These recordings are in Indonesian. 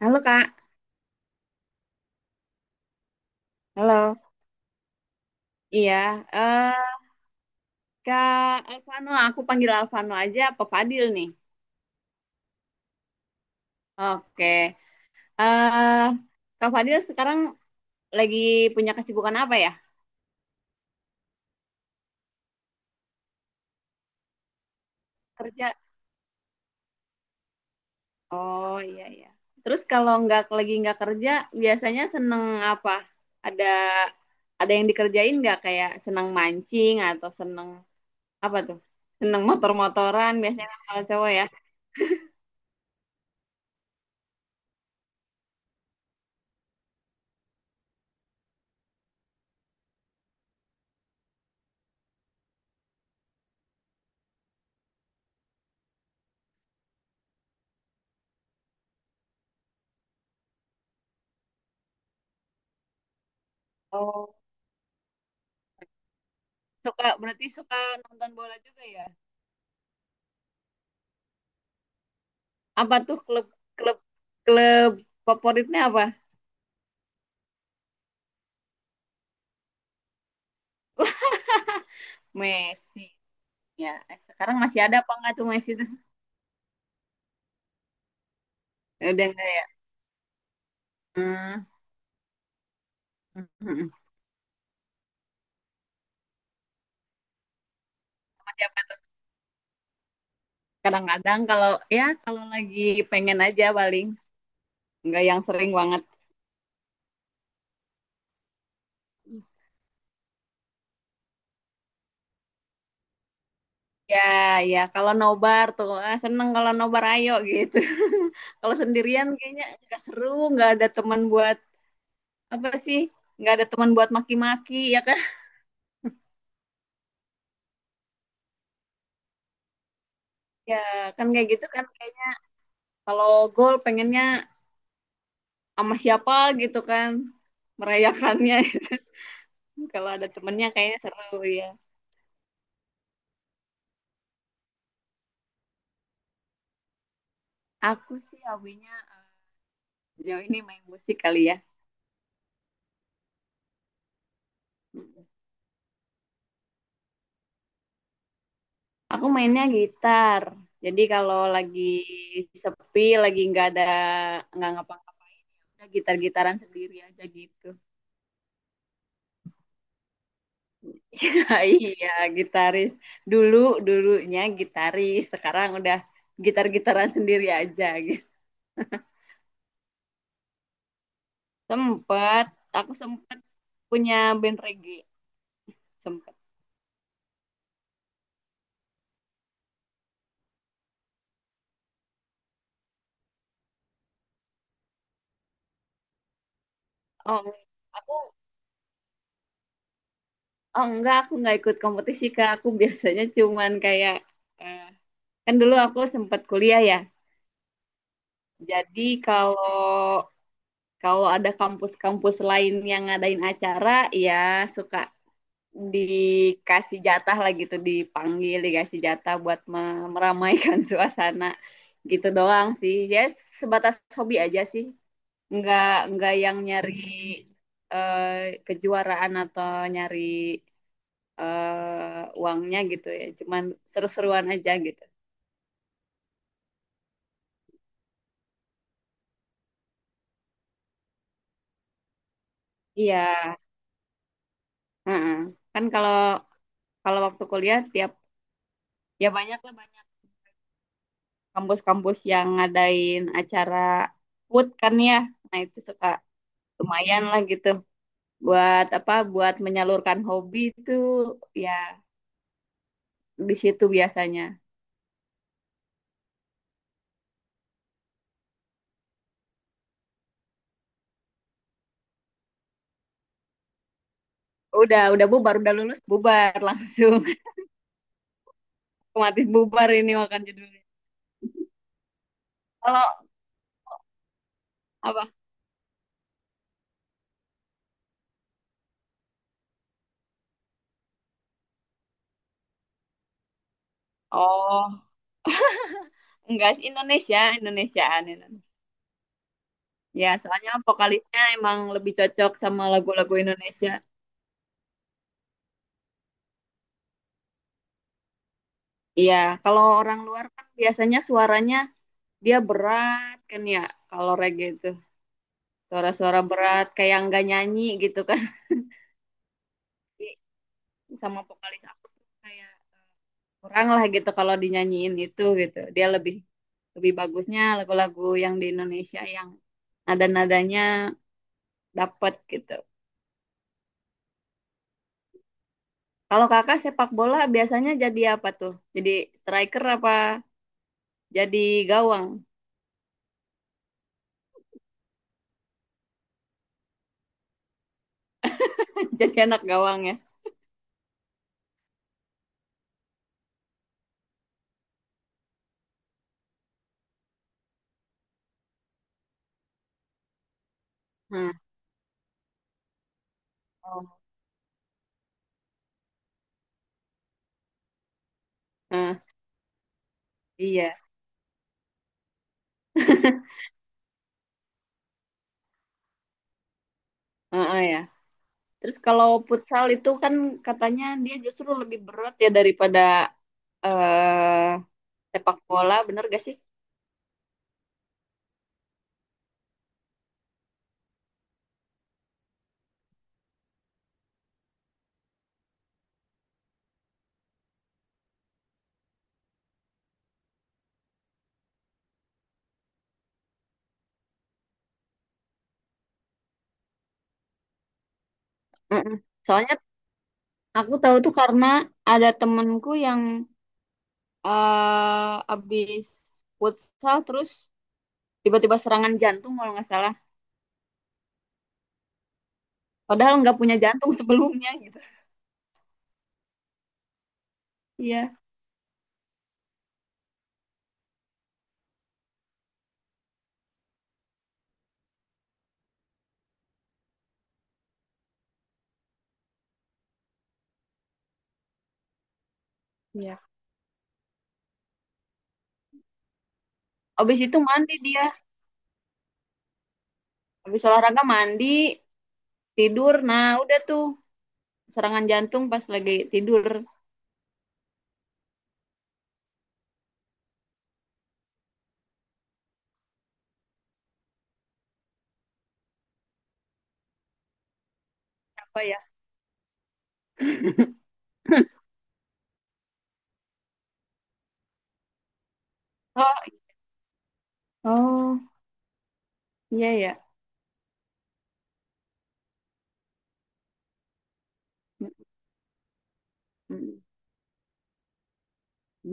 Halo, Kak. Halo. Iya, eh Kak Alvano, aku panggil Alvano aja, apa Fadil nih? Oke. eh Kak Fadil sekarang lagi punya kesibukan apa ya? Kerja? Oh, iya, iya. Terus kalau nggak lagi nggak kerja, biasanya seneng apa? Ada ada yang dikerjain nggak, kayak seneng mancing atau seneng apa tuh? Seneng motor-motoran biasanya kan kalau cowok ya. Oh, suka berarti, suka nonton bola juga ya? Apa tuh klub klub klub favoritnya apa? Wah, Messi ya. Sekarang masih ada apa enggak tuh Messi tuh? Ya, udah enggak ya? Hmm. Sama siapa tuh? Kadang-kadang kalau, ya kalau lagi pengen aja, paling enggak yang sering banget. Ya, ya, kalau nobar tuh seneng kalau nobar ayo gitu. Kalau sendirian kayaknya enggak seru, enggak ada teman buat apa sih? Enggak ada teman buat maki-maki ya kan? Ya, kan kayak gitu kan, kayaknya kalau gol pengennya sama siapa gitu kan, merayakannya. Kalau ada temennya kayaknya seru ya. Aku sih hobinya sejauh ini main musik kali ya. Aku mainnya gitar. Jadi kalau lagi sepi, lagi nggak ada, nggak ngapa-ngapain, ya udah gitar-gitaran sendiri aja gitu. Ya, iya, gitaris dulu, dulunya gitaris, sekarang udah gitar-gitaran sendiri aja gitu. Sempet, aku sempet punya band reggae, sempet. Oh, aku. Oh, enggak, aku nggak ikut kompetisi, Kak. Aku biasanya cuman kayak, eh, kan dulu aku sempat kuliah ya. Jadi kalau kalau ada kampus-kampus lain yang ngadain acara, ya suka dikasih jatah lah gitu, dipanggil, dikasih jatah buat meramaikan suasana gitu doang sih. Ya, sebatas hobi aja sih. Enggak enggak yang nyari eh, kejuaraan atau nyari uangnya gitu ya, cuman seru-seruan aja gitu. Iya, heeh. Kan kalau kalau waktu kuliah tiap, ya banyak lah, banyak kampus-kampus yang ngadain acara food kan ya. Nah, itu suka lumayan lah gitu buat apa, buat menyalurkan hobi itu ya, di situ biasanya. Udah bubar, udah lulus bubar langsung. Otomatis bubar ini, makan judulnya. Kalau apa? Oh, enggak sih, Indonesia, Indonesiaan, Indonesiaan. Ya, soalnya vokalisnya emang lebih cocok sama lagu-lagu Indonesia. Iya, kalau orang luar kan biasanya suaranya dia berat kan ya, kalau reggae itu suara-suara berat kayak nggak nyanyi gitu kan. Jadi, sama vokalis aku tuh kayak kurang lah gitu kalau dinyanyiin itu gitu. Dia lebih lebih bagusnya lagu-lagu yang di Indonesia yang nada-nadanya dapet gitu. Kalau Kakak sepak bola biasanya jadi apa tuh? Jadi striker apa jadi gawang? Jadi anak gawang ya. Hmm. Oh. Hmm, iya. Heeh ya. Terus kalau futsal itu kan katanya dia justru lebih berat ya daripada eh sepak bola, bener gak sih? Mm-mm. Soalnya aku tahu tuh karena ada temenku yang abis futsal terus tiba-tiba serangan jantung kalau nggak salah. Padahal nggak punya jantung sebelumnya gitu. Iya. Iya. Abis itu mandi dia, abis olahraga mandi, tidur. Nah, udah tuh serangan jantung pas lagi tidur. Apa ya? Oh, oh, iya ya. Mm,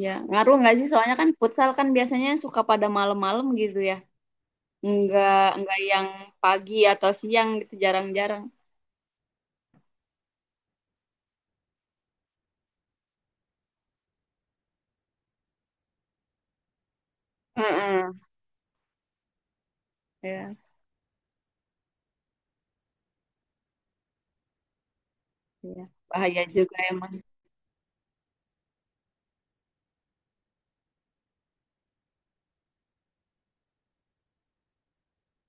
Ya, ngaruh nggak sih, soalnya kan futsal kan biasanya suka pada malam-malam gitu ya, nggak nggak yang pagi atau siang gitu, jarang-jarang. Heeh. Ya, ya, bahaya juga emang.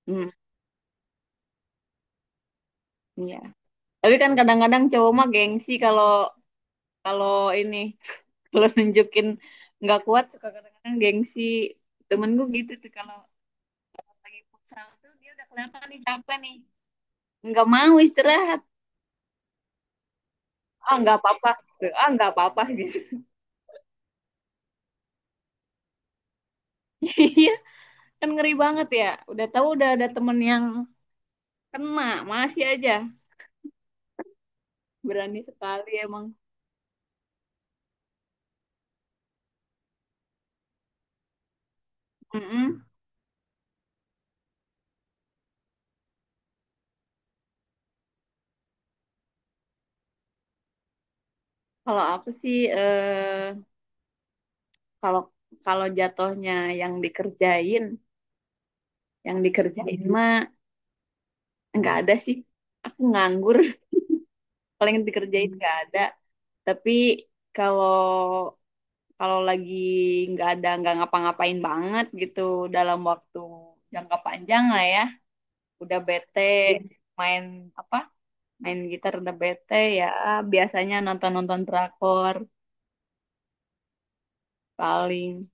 Hmm, iya, tapi kan kadang-kadang cowok mah gengsi kalau kalau ini kalau nunjukin nggak kuat, suka kadang-kadang gengsi. Temen gue gitu tuh kalau lagi futsal tuh dia udah kelihatan nih capek nih, nggak mau istirahat. Ah, nggak apa-apa, ah nggak apa-apa gitu, iya. Kan ngeri banget ya, udah tahu udah ada temen yang kena, masih aja berani sekali emang. Mm-mm. Kalau aku sih kalau kalau jatuhnya yang dikerjain, yang dikerjain mah nggak ada sih, aku nganggur. Paling dikerjain nggak ada, tapi kalau kalau lagi nggak ada nggak ngapa-ngapain banget gitu dalam waktu jangka panjang lah ya, udah bete, main apa, main gitar udah bete ya, biasanya nonton-nonton drakor paling.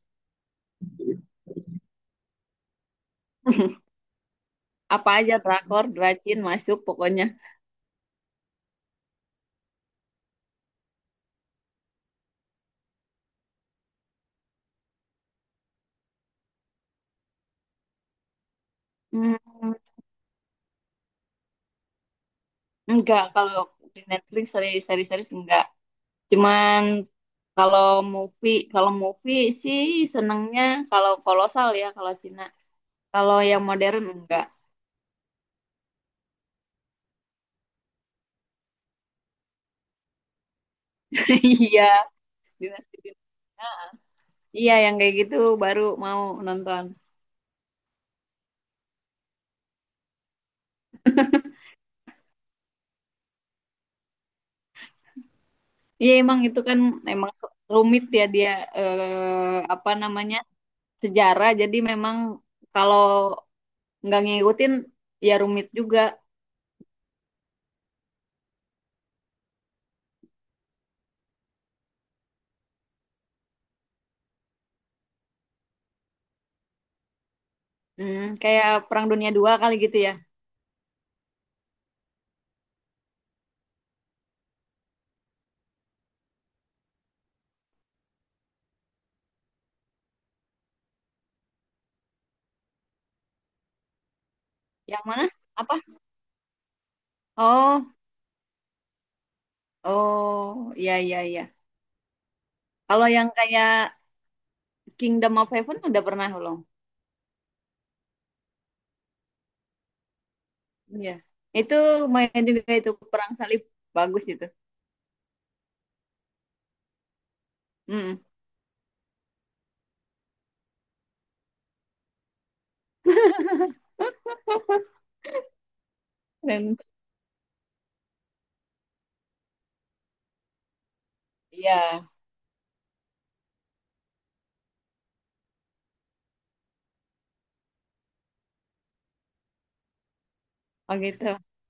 Apa aja, drakor dracin masuk pokoknya. Hmm, enggak, kalau di Netflix series-series enggak, cuman kalau kalau movie sih senengnya kalau kolosal ya, kalau Cina kalau yang modern enggak. Iya, Dinasti- Din- iya yang kayak gitu, baru mau nonton. Iya emang itu kan emang rumit ya dia, apa namanya, sejarah. Jadi memang kalau nggak ngikutin ya rumit juga. Hmm, kayak Perang Dunia II kali gitu ya. Yang mana? Apa? Oh, oh, iya, iya, iya. Kalau yang kayak Kingdom of Heaven udah pernah belum? Iya. Itu lumayan juga, itu perang salib, bagus gitu. Hmm. Dan iya. Oh gitu.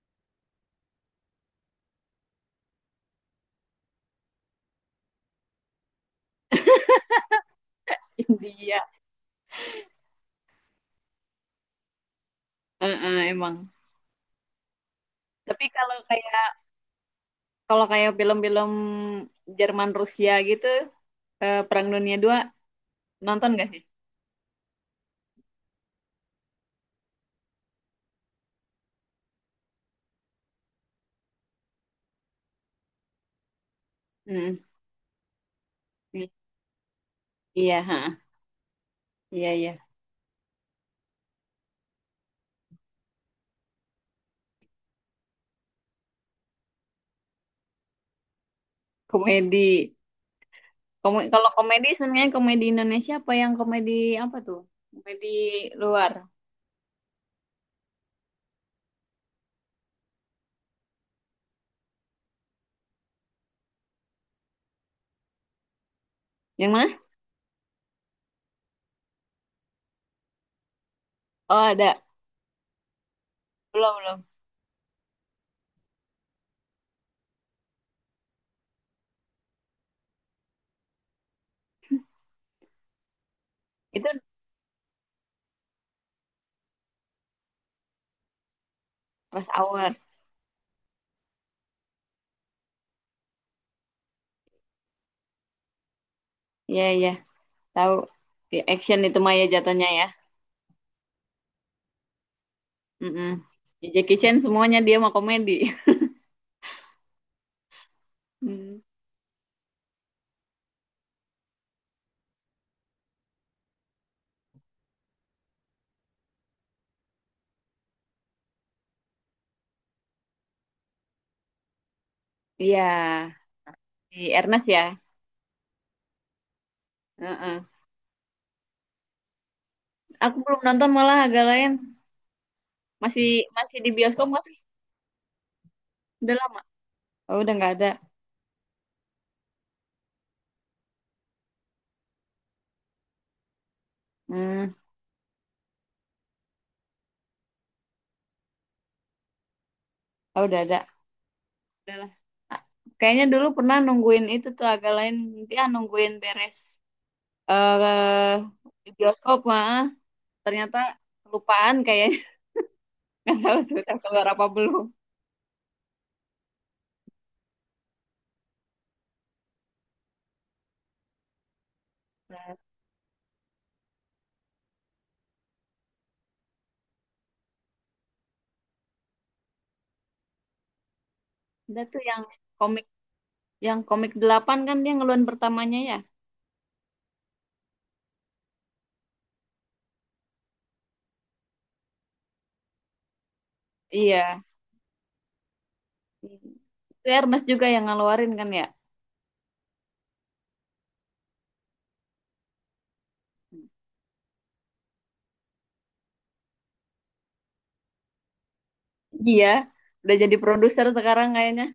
India. Heeh, emang. Tapi kalau kayak film-film Jerman Rusia gitu, Perang Dunia II nonton gak sih? Hmm. I- Iya, ha. Iya, iya. Komedi. Kalau komedi sebenarnya komedi Indonesia apa yang komedi apa tuh? Komedi luar. Yang mana? Oh, ada. Belum, belum. Itu Rush Hour. Iya, iya. Tahu. Ya, action itu Maya jatuhnya ya. Mm-mm. Ya, Jackie Chan semuanya dia mah komedi. Hmm. Iya, di Ernest ya. Heeh. Aku belum nonton malah, agak lain. Masih masih di bioskop nggak sih? Udah lama. Oh, udah nggak ada. Hmm, oh, udah ada. Udah lah. Ah, kayaknya dulu pernah nungguin itu tuh agak lain. Nanti nungguin beres eh di bioskop mah. Ternyata kelupaan kayaknya. Nggak tahu sudah keluar apa belum. Udah tuh, komik yang komik 8 kan dia ngeluarin pertamanya ya. Iya. Itu Ernest juga yang ngeluarin kan ya. Iya. Udah jadi produser sekarang kayaknya.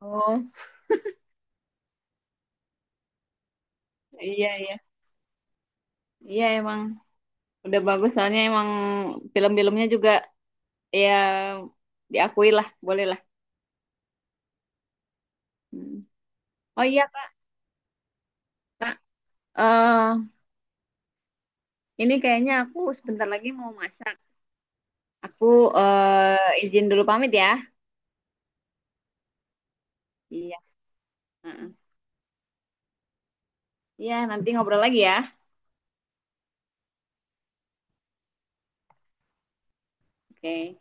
Oh, iya, iya. Iya emang, udah bagus soalnya emang film-filmnya juga ya, diakui lah, boleh lah. Hmm. Oh iya, Kak. eh ini kayaknya aku sebentar lagi mau masak. Aku izin dulu pamit ya. Iya. Heeh. Iya, nanti ngobrol lagi ya. Oke.